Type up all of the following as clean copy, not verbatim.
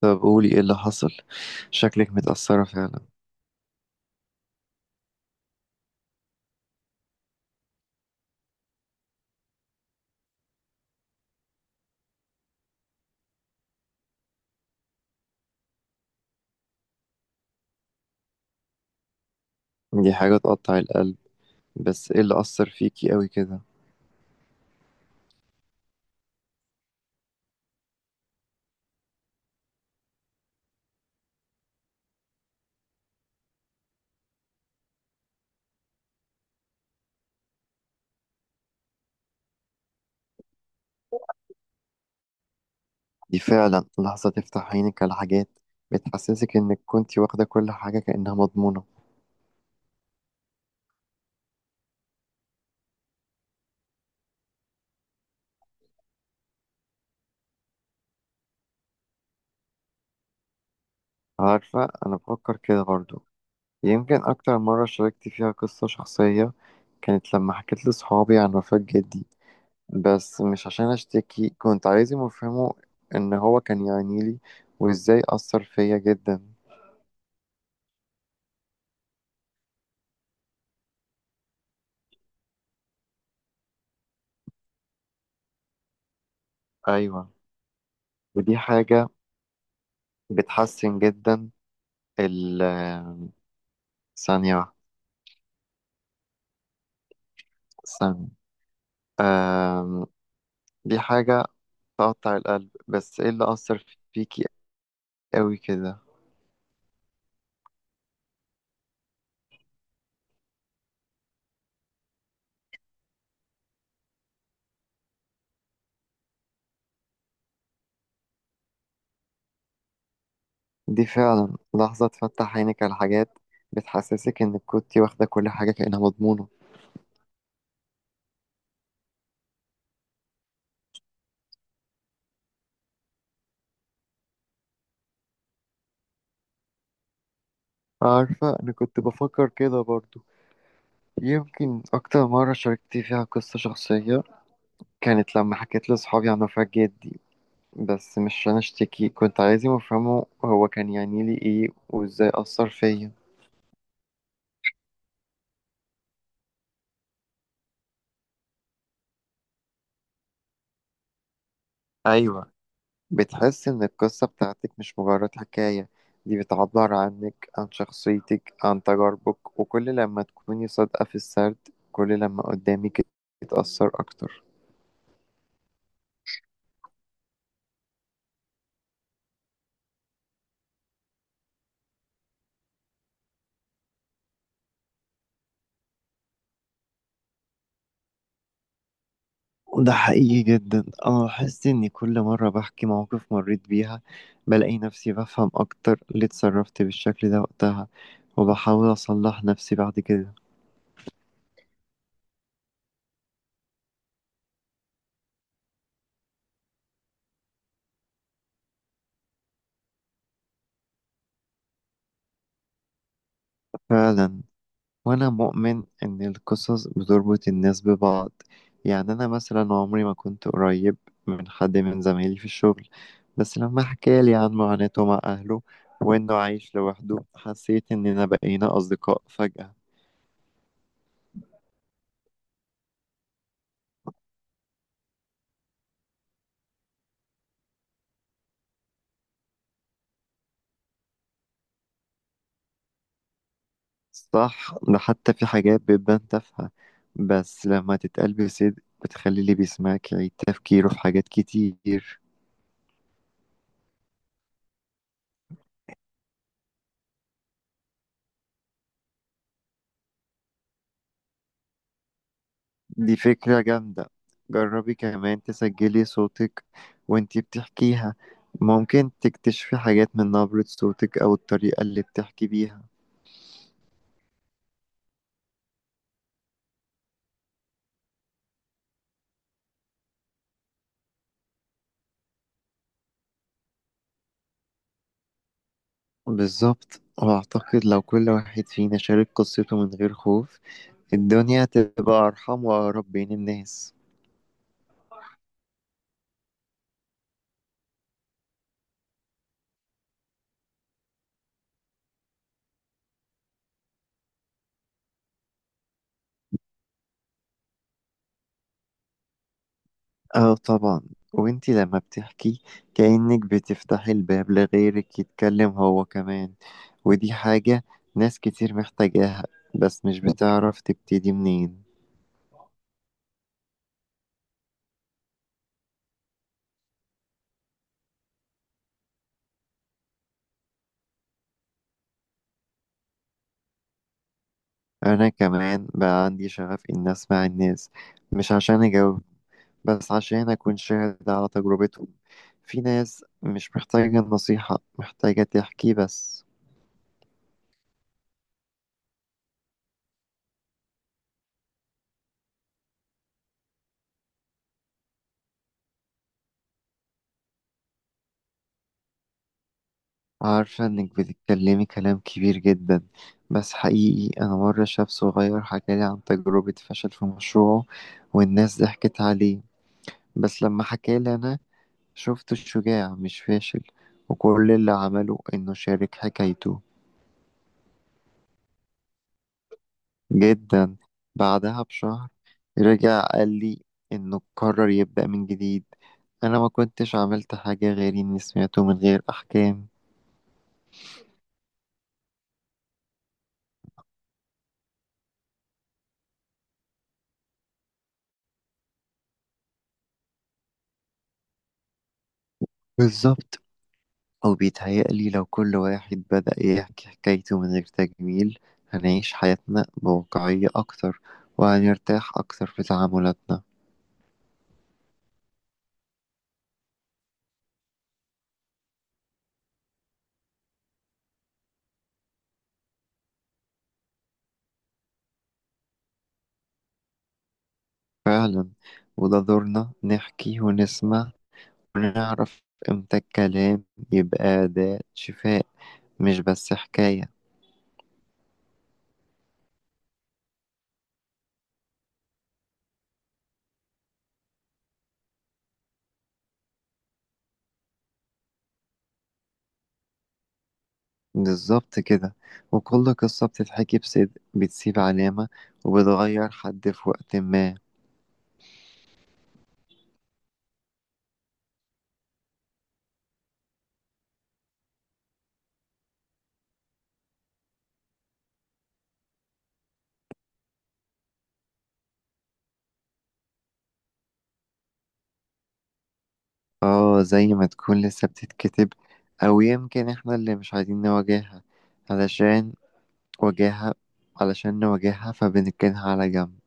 طب قولي ايه اللي حصل. شكلك متأثرة فعلا. دي حاجة تقطع القلب، بس ايه اللي أثر فيكي قوي كده؟ دي فعلا لحظة تفتح عينك على حاجات، بتحسسك انك كنتي واخدة كل حاجة كأنها مضمونة. عارفة انا بفكر كده برضو. يمكن اكتر مرة شاركت فيها قصة شخصية كانت لما حكيت لصحابي عن وفاة جدي، بس مش عشان اشتكي، كنت عايزهم يفهموا ان هو كان يعنيلي وازاي أثر فيا جدا. ايوه، ودي حاجة بتحسن جدا. ال ثانية واحدة ثانية آم، دي حاجة تقطع القلب، بس ايه اللي أثر فيكي قوي كده؟ دي فعلا لحظة تفتح عينك على حاجات، بتحسسك إنك كنت واخدة كل حاجة كأنها مضمونة. عارفة أنا كنت بفكر كده برضو. يمكن أكتر مرة شاركت فيها قصة شخصية كانت لما حكيت لأصحابي عن وفاة جدي، بس مش عشان أشتكي، كنت عايزهم يفهموا هو كان يعني لي إيه وإزاي أثر فيا. أيوة، بتحس إن القصة بتاعتك مش مجرد حكاية، دي بتعبر عنك، عن شخصيتك، عن تجاربك، وكل لما تكوني صادقة في السرد كل لما قدامك يتأثر أكتر. ده حقيقي جدا، أنا بحس إني كل مرة بحكي مواقف مريت بيها بلاقي نفسي بفهم أكتر ليه اتصرفت بالشكل ده وقتها، وبحاول أصلح نفسي بعد كده. فعلا، وأنا مؤمن إن القصص بتربط الناس ببعض. يعني أنا مثلا عمري ما كنت قريب من حد من زمايلي في الشغل، بس لما حكالي عن معاناته مع أهله وإنه عايش لوحده حسيت إننا بقينا أصدقاء فجأة. صح، ده حتى في حاجات بتبان تافهة، بس لما تتقال بصدق بتخلي اللي بيسمعك يعيد تفكيره في حاجات كتير. دي فكرة جامدة، جربي كمان تسجلي صوتك وانتي بتحكيها، ممكن تكتشفي حاجات من نبرة صوتك أو الطريقة اللي بتحكي بيها. بالظبط، وأعتقد لو كل واحد فينا شارك قصته من غير خوف الدنيا هتبقى أرحم وأقرب بين الناس. اه طبعا، وانتي لما بتحكي كأنك بتفتحي الباب لغيرك يتكلم هو كمان، ودي حاجة ناس كتير محتاجاها بس مش بتعرف تبتدي منين. أنا كمان بقى عندي شغف إن أسمع الناس، مش عشان أجاوب، بس عشان أكون شاهد على تجربتهم. في ناس مش محتاجة النصيحة، محتاجة تحكي بس. عارفة إنك بتتكلمي كلام كبير جدا، بس حقيقي أنا مرة شاب صغير حكالي عن تجربة فشل في مشروعه والناس ضحكت عليه، بس لما حكالي أنا شفته شجاع مش فاشل، وكل اللي عمله إنه شارك حكايته. جدا، بعدها بشهر رجع قال لي انه قرر يبدأ من جديد. انا ما كنتش عملت حاجة غير اني سمعته من غير احكام. بالظبط، او بيتهيألي لو كل واحد بدأ يحكي حكايته من غير تجميل هنعيش حياتنا بواقعية اكتر، وهنرتاح اكتر في تعاملاتنا. فعلا، وده دورنا نحكي ونسمع ونعرف امتى الكلام يبقى أداة شفاء مش بس حكاية. بالظبط كده، وكل قصة بتتحكي بصدق بتسيب علامة وبتغير حد في وقت ما. اه، زي ما تكون لسه بتتكتب، أو يمكن احنا اللي مش عايزين نواجهها. علشان واجهها علشان نواجهها فبنركنها على جنب.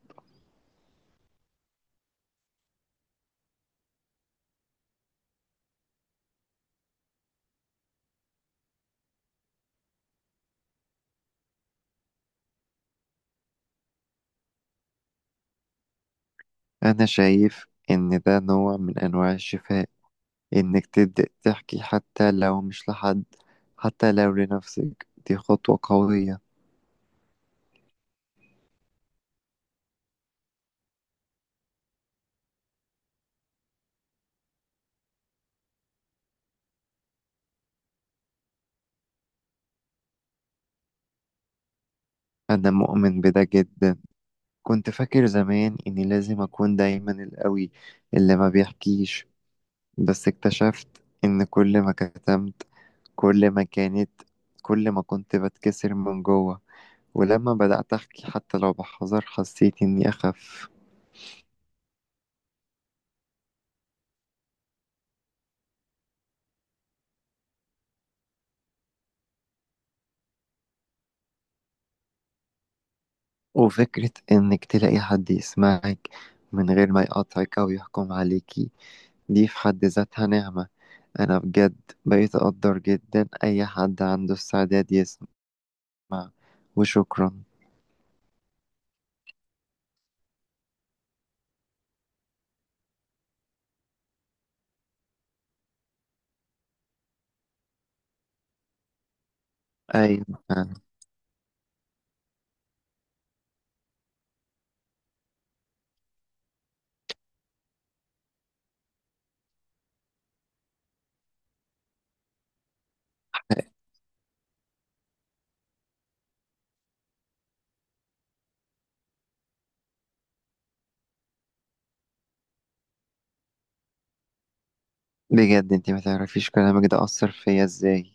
أنا شايف إن ده نوع من أنواع الشفاء، إنك تبدأ تحكي حتى لو مش لحد، حتى لو لنفسك دي خطوة قوية. أنا مؤمن بده جدا، كنت فاكر زمان إني لازم أكون دايما القوي اللي ما بيحكيش، بس اكتشفت إن كل ما كتمت كل ما كانت كل ما كنت بتكسر من جوه، ولما بدأت أحكي حتى لو بحذر حسيت إني أخف. وفكرة إنك تلاقي حد يسمعك من غير ما يقاطعك أو يحكم عليكي دي في حد ذاتها نعمة. أنا بجد بقيت أقدر جدا أي حد عنده استعداد يسمع. وشكرا. أيوة، بجد انت ما تعرفيش كلامك ده أثر فيا ازاي.